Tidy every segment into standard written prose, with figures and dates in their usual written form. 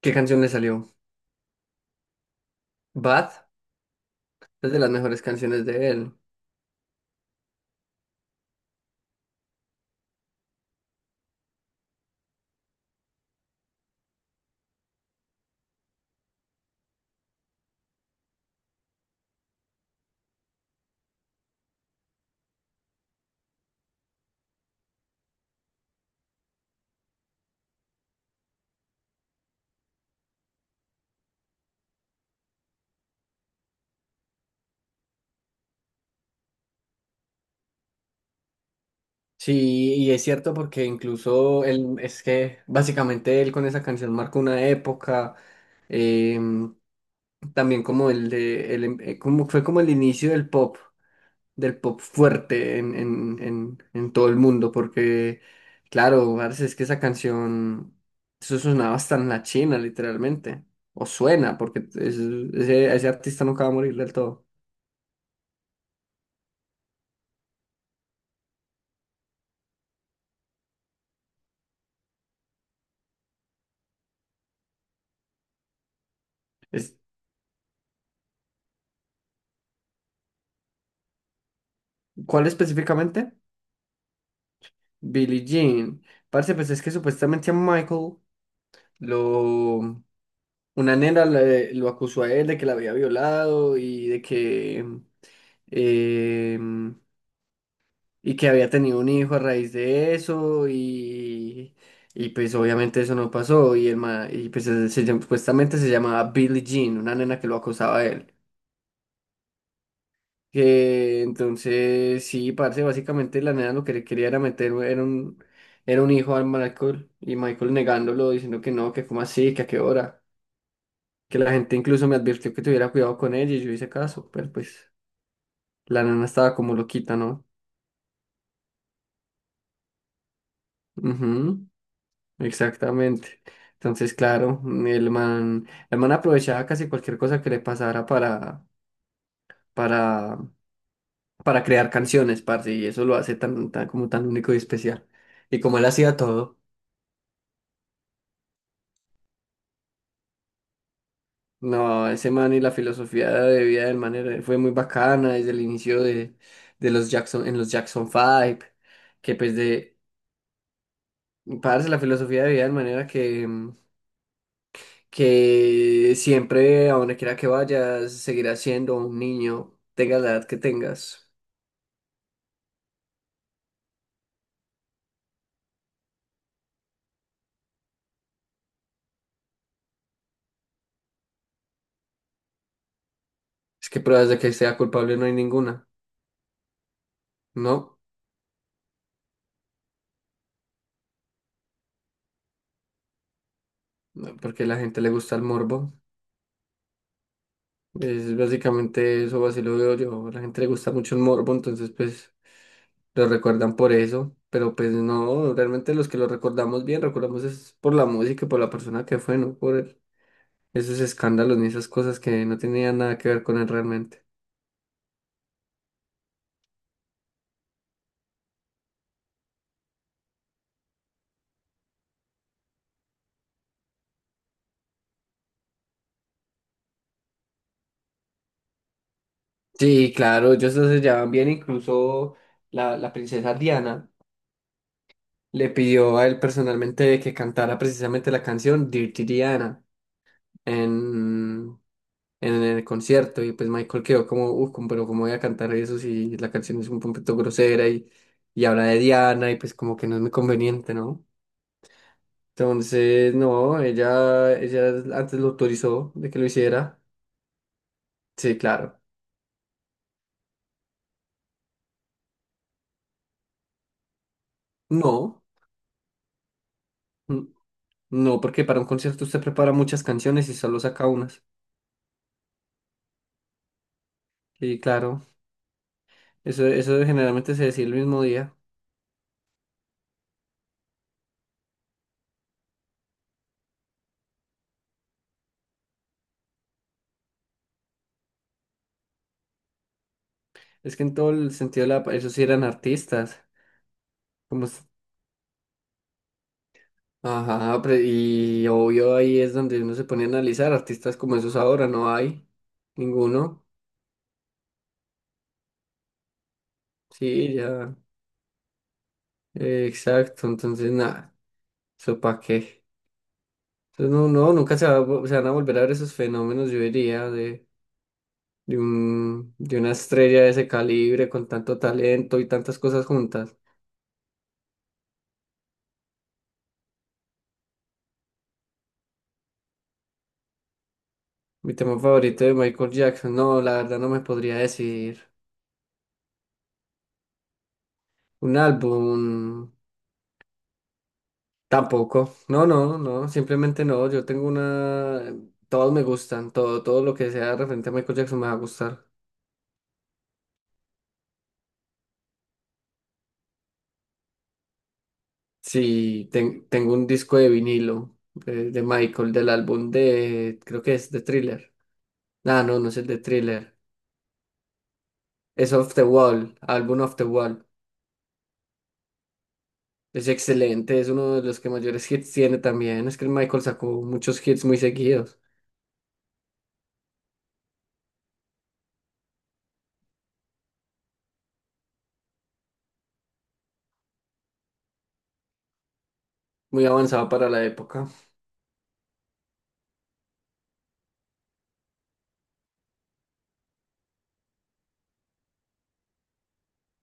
¿Qué canción le salió? Bad es de las mejores canciones de él. Sí, y es cierto porque incluso él, es que básicamente él con esa canción marcó una época, em, también como el de, el em- como fue como el inicio del pop fuerte en todo el mundo, porque claro, parce, es que esa canción, eso sonaba hasta en la China literalmente, o suena, porque ese, ese artista nunca va a morir del todo. Es- ¿Cuál específicamente? Billie Jean. Parce, pues es que supuestamente a Michael lo... Una nena lo acusó a él de que la había violado y de que... em, y que había tenido un hijo a raíz de eso y... Y pues obviamente eso no pasó y, y pues supuestamente se llamaba Billie Jean, una nena que lo acusaba a él. Entonces, sí, parce, básicamente la nena lo que le quería era meter era un hijo al Michael y Michael negándolo, diciendo que no, que cómo así, que a qué hora. Que la gente incluso me advirtió que tuviera cuidado con ella y yo hice caso, pero pues la nena estaba como loquita, ¿no? Ujú, exactamente. Entonces, claro, el man aprovechaba casi cualquier cosa que le pasara para, para crear canciones, parce, y eso lo hace como tan único y especial. Y como él hacía todo. No, ese man y la filosofía de vida del man fue muy bacana desde el inicio de los Jackson, en los Jackson Five que pues de, parce, la filosofía de vida de manera que, que siempre, a donde quiera que vayas, seguirás siendo un niño, tengas la edad que tengas. Es que pruebas de que sea culpable no hay ninguna, ¿no? No, porque a la gente le gusta el morbo. Es básicamente eso, así lo veo yo. A la gente le gusta mucho el morbo, entonces pues... lo recuerdan por eso, pero pues no, realmente los que lo recordamos bien, recordamos es por la música y por la persona que fue, no por el- esos escándalos ni esas cosas que no tenían nada que ver con él realmente. Sí, claro, ellos se llevaban bien, incluso la princesa Diana le pidió a él personalmente que cantara precisamente la canción Dirty Diana. en, en el concierto y pues Michael quedó como, uff, pero cómo voy a cantar eso si la canción es un poquito grosera y habla de Diana y pues como que no es muy conveniente, ¿no? Entonces, no, ella antes lo autorizó de que lo hiciera. Sí, claro. No, n- no, porque para un concierto usted prepara muchas canciones y solo saca unas. Sí, claro. Eso generalmente se decía el mismo día. Es que en todo el sentido de la... Esos sí eran artistas. Como ajá, y obvio ahí es donde uno se pone a analizar artistas como esos ahora, no hay ninguno. Sí, ya, exacto, entonces nada, eso para qué. Entonces nunca se van a volver a ver esos fenómenos, yo diría, de, de una estrella de ese calibre con tanto talento y tantas cosas juntas. Mi tema favorito de Michael Jackson, no, la verdad no me podría decir. Un álbum, tampoco, no, simplemente no, yo tengo una, todos me gustan, todo, todo lo que sea referente a Michael Jackson me va a gustar. Sí, tengo un disco de vinilo de Michael, del álbum de, creo que es de Thriller. Ah, no, no es el de Thriller, es Off the Wall, álbum Off the Wall. Es excelente, es uno de los que mayores hits tiene también, es que el Michael sacó muchos hits muy seguidos, muy avanzado para la época.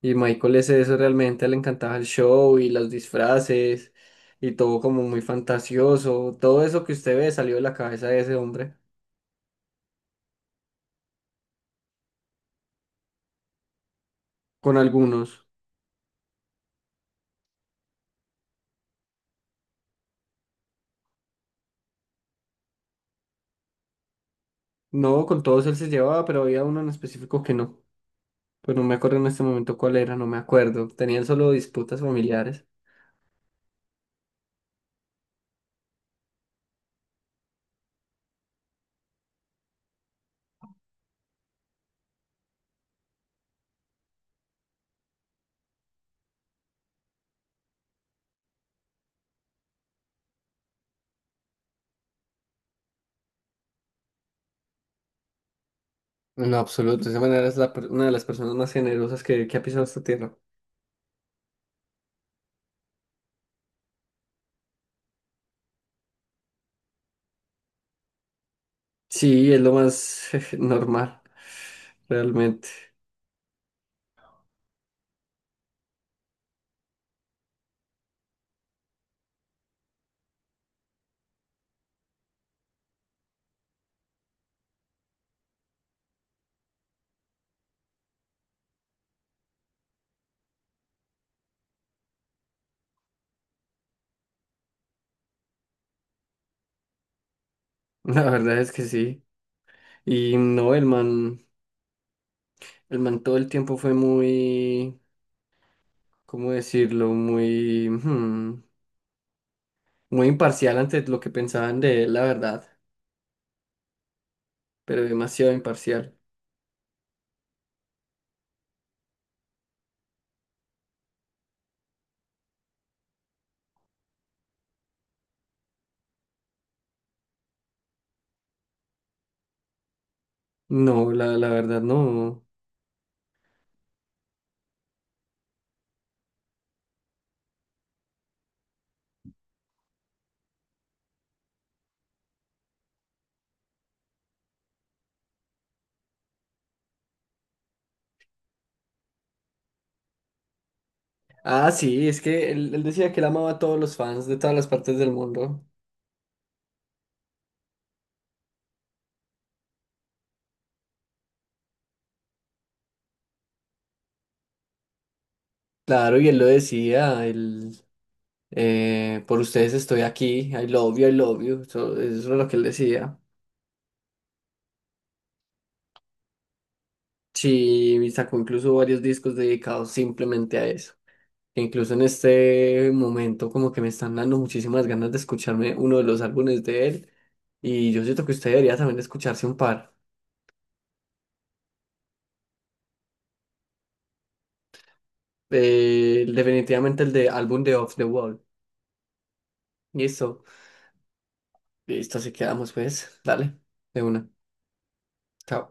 Y Michael es eso, realmente le encantaba el show y los disfraces y todo como muy fantasioso. Todo eso que usted ve salió de la cabeza de ese hombre. Con algunos. No, con todos él se llevaba, pero había uno en específico que no. Pues no me acuerdo en este momento cuál era, no me acuerdo. Tenían solo disputas familiares. En absoluto, de esa manera es una de las personas más generosas que ha pisado esta tierra. Sí, es lo más normal, realmente. La verdad es que sí. Y no, el man. El man todo el tiempo fue muy, ¿cómo decirlo? Muy, muy imparcial ante lo que pensaban de él, la verdad, pero demasiado imparcial. No, la verdad no. Ah, sí, es que él decía que él amaba a todos los fans de todas las partes del mundo. Claro, y él lo decía, él, por ustedes estoy aquí, I love you, eso era lo que él decía. Sí, y sacó incluso varios discos dedicados simplemente a eso, que incluso en este momento como que me están dando muchísimas ganas de escucharme uno de los álbumes de él y yo siento que usted debería también escucharse un par. Definitivamente el de álbum de Off the Wall. Listo, listo, así quedamos pues. Dale, de una. Chao.